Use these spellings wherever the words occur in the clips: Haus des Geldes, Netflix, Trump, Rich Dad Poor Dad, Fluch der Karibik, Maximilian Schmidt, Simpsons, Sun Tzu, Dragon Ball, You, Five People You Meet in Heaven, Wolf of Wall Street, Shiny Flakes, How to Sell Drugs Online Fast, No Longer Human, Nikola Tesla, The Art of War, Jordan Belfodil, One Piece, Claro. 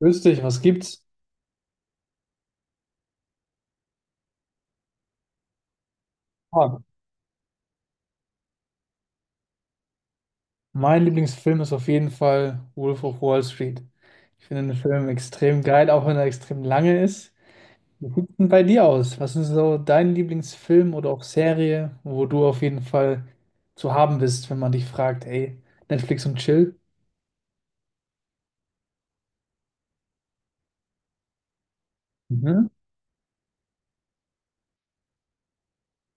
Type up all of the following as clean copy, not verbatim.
Grüß dich, was gibt's? Ah, mein Lieblingsfilm ist auf jeden Fall Wolf of Wall Street. Ich finde den Film extrem geil, auch wenn er extrem lange ist. Wie sieht's denn bei dir aus? Was ist so dein Lieblingsfilm oder auch Serie, wo du auf jeden Fall zu haben bist, wenn man dich fragt, ey, Netflix und Chill? Mhm.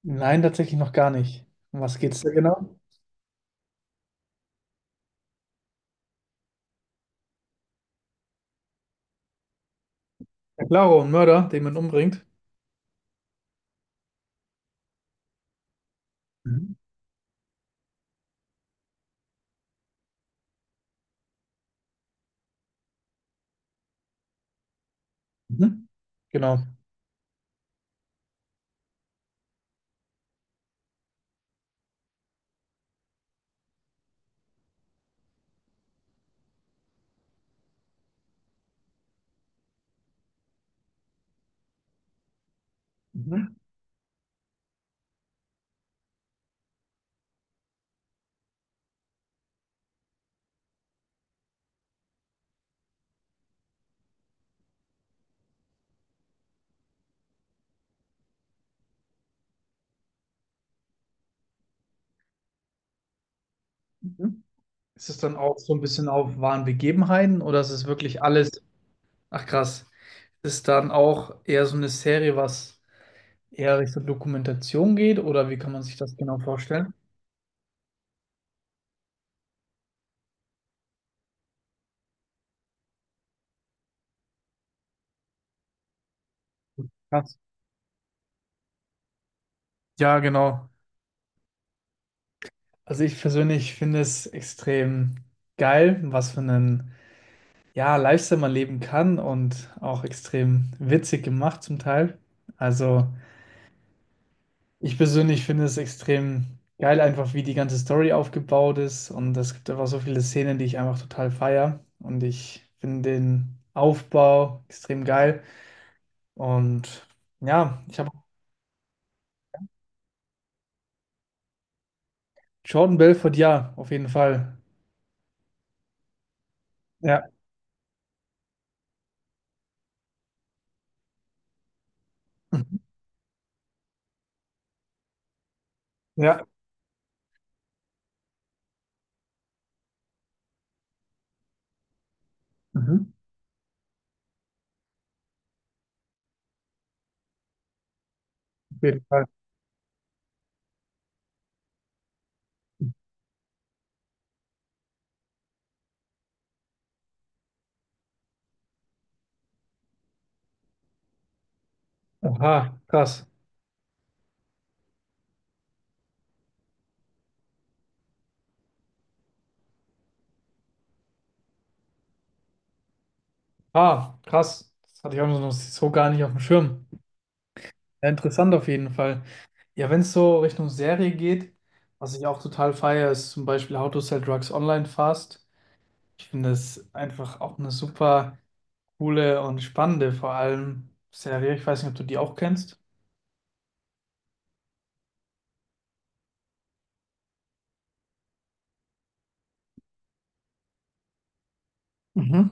Nein, tatsächlich noch gar nicht. Um was geht's da genau? Ja, Claro, ein Mörder, den man umbringt. Mhm. Mhm. Genau. Mhm. Mhm. Ist es dann auch so ein bisschen auf wahren Begebenheiten, oder ist es wirklich alles? Ach krass. Ist dann auch eher so eine Serie, was eher Richtung Dokumentation geht, oder wie kann man sich das genau vorstellen? Krass. Ja, genau. Also ich persönlich finde es extrem geil, was für einen, ja, Lifestyle man leben kann, und auch extrem witzig gemacht zum Teil. Also ich persönlich finde es extrem geil, einfach wie die ganze Story aufgebaut ist, und es gibt einfach so viele Szenen, die ich einfach total feier, und ich finde den Aufbau extrem geil. Und ja, ich habe Jordan Belfodil, auf jeden Fall. Ja. Mhm. Ja. Mhm. Auf jeden Fall. Oha, krass. Ah, krass. Das hatte ich auch noch so gar nicht auf dem Schirm. Ja, interessant auf jeden Fall. Ja, wenn es so Richtung Serie geht, was ich auch total feiere, ist zum Beispiel How to Sell Drugs Online Fast. Ich finde es einfach auch eine super coole und spannende, vor allem Serie. Ich weiß nicht, ob du die auch kennst. Mhm.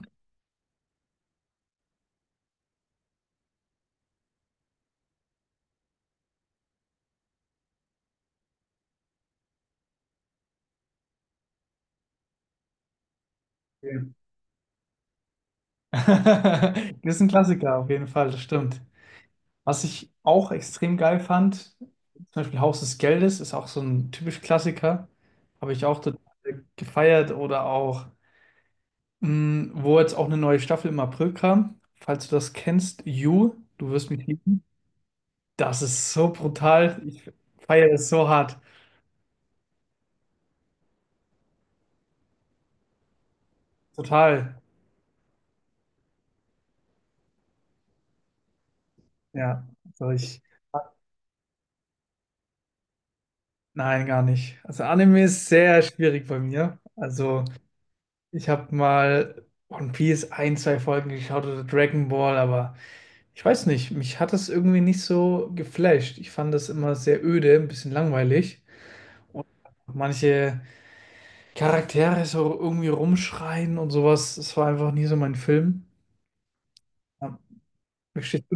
Ja. Das ist ein Klassiker auf jeden Fall, das stimmt. Was ich auch extrem geil fand, zum Beispiel Haus des Geldes, ist auch so ein typisch Klassiker. Habe ich auch total gefeiert. Oder auch, wo jetzt auch eine neue Staffel im April kam: Falls du das kennst, You, du wirst mich lieben. Das ist so brutal. Ich feiere es so hart. Total. Ja. Also ich, nein, gar nicht. Also Anime ist sehr schwierig bei mir. Also ich habe mal One Piece ein, zwei Folgen geschaut oder Dragon Ball, aber ich weiß nicht, mich hat das irgendwie nicht so geflasht. Ich fand das immer sehr öde, ein bisschen langweilig. Manche Charaktere so irgendwie rumschreien und sowas, das war einfach nie so mein Film. Ja, mir steht-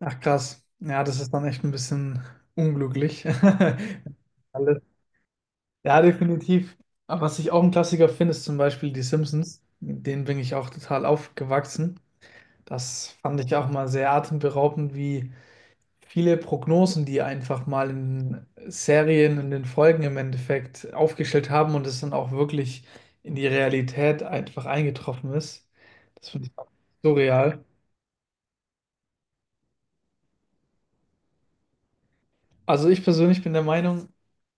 Ach krass, ja, das ist dann echt ein bisschen unglücklich. Alles. Ja, definitiv. Aber was ich auch ein Klassiker finde, ist zum Beispiel die Simpsons. Mit denen bin ich auch total aufgewachsen. Das fand ich auch mal sehr atemberaubend, wie viele Prognosen, die einfach mal in Serien und in Folgen im Endeffekt aufgestellt haben und es dann auch wirklich in die Realität einfach eingetroffen ist. Das finde ich auch surreal. Also ich persönlich bin der Meinung,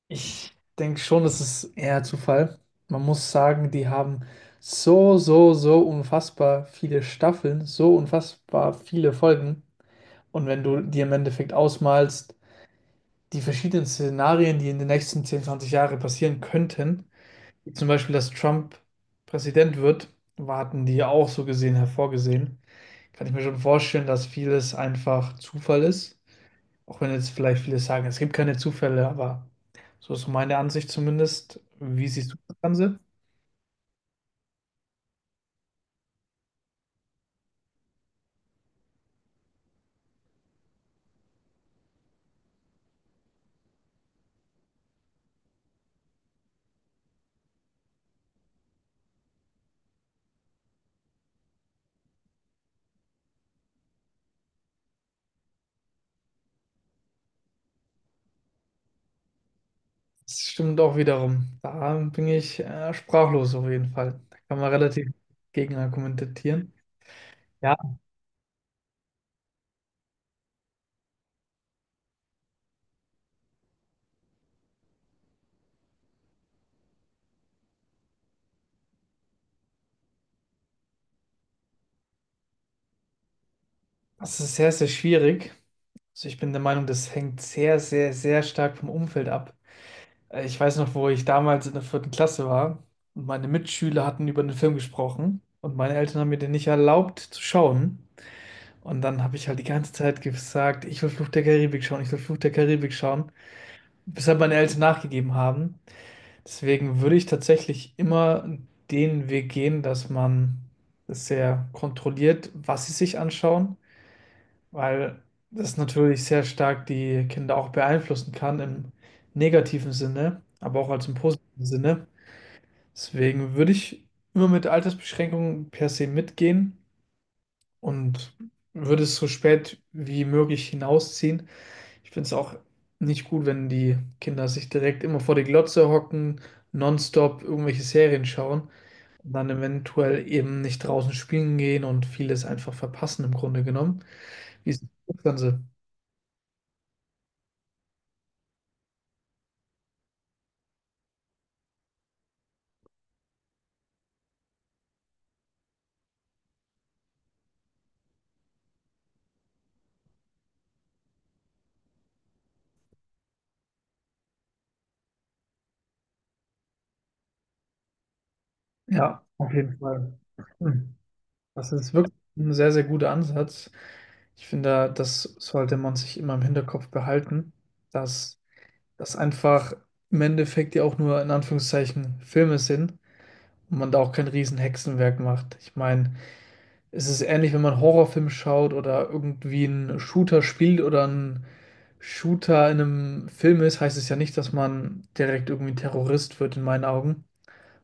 ich denke schon, das ist eher Zufall. Man muss sagen, die haben so unfassbar viele Staffeln, so unfassbar viele Folgen. Und wenn du dir im Endeffekt ausmalst, die verschiedenen Szenarien, die in den nächsten 10, 20 Jahren passieren könnten, zum Beispiel, dass Trump Präsident wird, warten die ja auch so gesehen hervorgesehen. Kann ich mir schon vorstellen, dass vieles einfach Zufall ist. Auch wenn jetzt vielleicht viele sagen, es gibt keine Zufälle, aber so ist so meine Ansicht zumindest. Wie siehst du das Ganze? Das stimmt auch wiederum. Da bin ich sprachlos auf jeden Fall. Da kann man relativ gegen argumentieren. Ja, das ist sehr, sehr schwierig. Also ich bin der Meinung, das hängt sehr stark vom Umfeld ab. Ich weiß noch, wo ich damals in der vierten Klasse war und meine Mitschüler hatten über den Film gesprochen und meine Eltern haben mir den nicht erlaubt zu schauen. Und dann habe ich halt die ganze Zeit gesagt, ich will Fluch der Karibik schauen, ich will Fluch der Karibik schauen, bis halt meine Eltern nachgegeben haben. Deswegen würde ich tatsächlich immer den Weg gehen, dass man es sehr kontrolliert, was sie sich anschauen, weil das natürlich sehr stark die Kinder auch beeinflussen kann, im negativen Sinne, aber auch als im positiven Sinne. Deswegen würde ich immer mit Altersbeschränkungen per se mitgehen und würde es so spät wie möglich hinausziehen. Ich finde es auch nicht gut, wenn die Kinder sich direkt immer vor die Glotze hocken, nonstop irgendwelche Serien schauen und dann eventuell eben nicht draußen spielen gehen und vieles einfach verpassen im Grunde genommen. Wie ist das Ganze? Ja, auf jeden Fall. Hm. Das ist wirklich ein sehr, sehr guter Ansatz. Ich finde, das sollte man sich immer im Hinterkopf behalten, dass das einfach im Endeffekt ja auch nur in Anführungszeichen Filme sind und man da auch kein riesen Hexenwerk macht. Ich meine, es ist ähnlich, wenn man einen Horrorfilm schaut oder irgendwie einen Shooter spielt oder ein Shooter in einem Film ist, heißt es ja nicht, dass man direkt irgendwie ein Terrorist wird, in meinen Augen.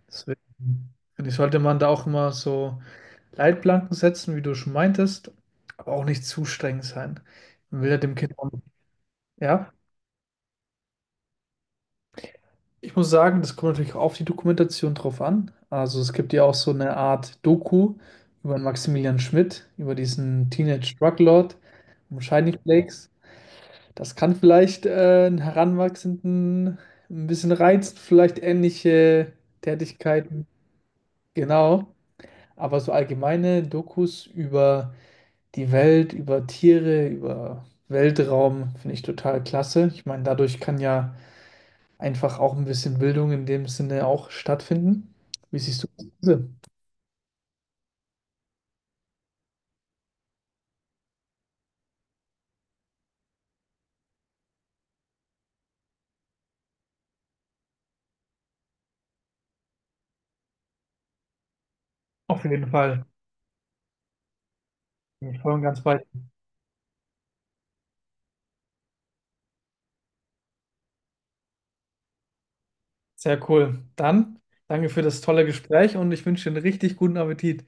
Deswegen finde ich, sollte man da auch immer so Leitplanken setzen, wie du schon meintest, aber auch nicht zu streng sein. Man will ja dem Kind auch nicht. Ja, ich muss sagen, das kommt natürlich auch auf die Dokumentation drauf an. Also es gibt ja auch so eine Art Doku über Maximilian Schmidt, über diesen Teenage Druglord, um Shiny Flakes. Das kann vielleicht einen Heranwachsenden ein bisschen reizen, vielleicht ähnliche Tätigkeiten, genau. Aber so allgemeine Dokus über die Welt, über Tiere, über Weltraum, finde ich total klasse. Ich meine, dadurch kann ja einfach auch ein bisschen Bildung in dem Sinne auch stattfinden. Wie siehst du das? Auf jeden Fall. Bin ich voll und ganz bei. Dir. Sehr cool. Dann danke für das tolle Gespräch und ich wünsche dir einen richtig guten Appetit.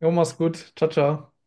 Jo, mach's gut. Ciao, ciao.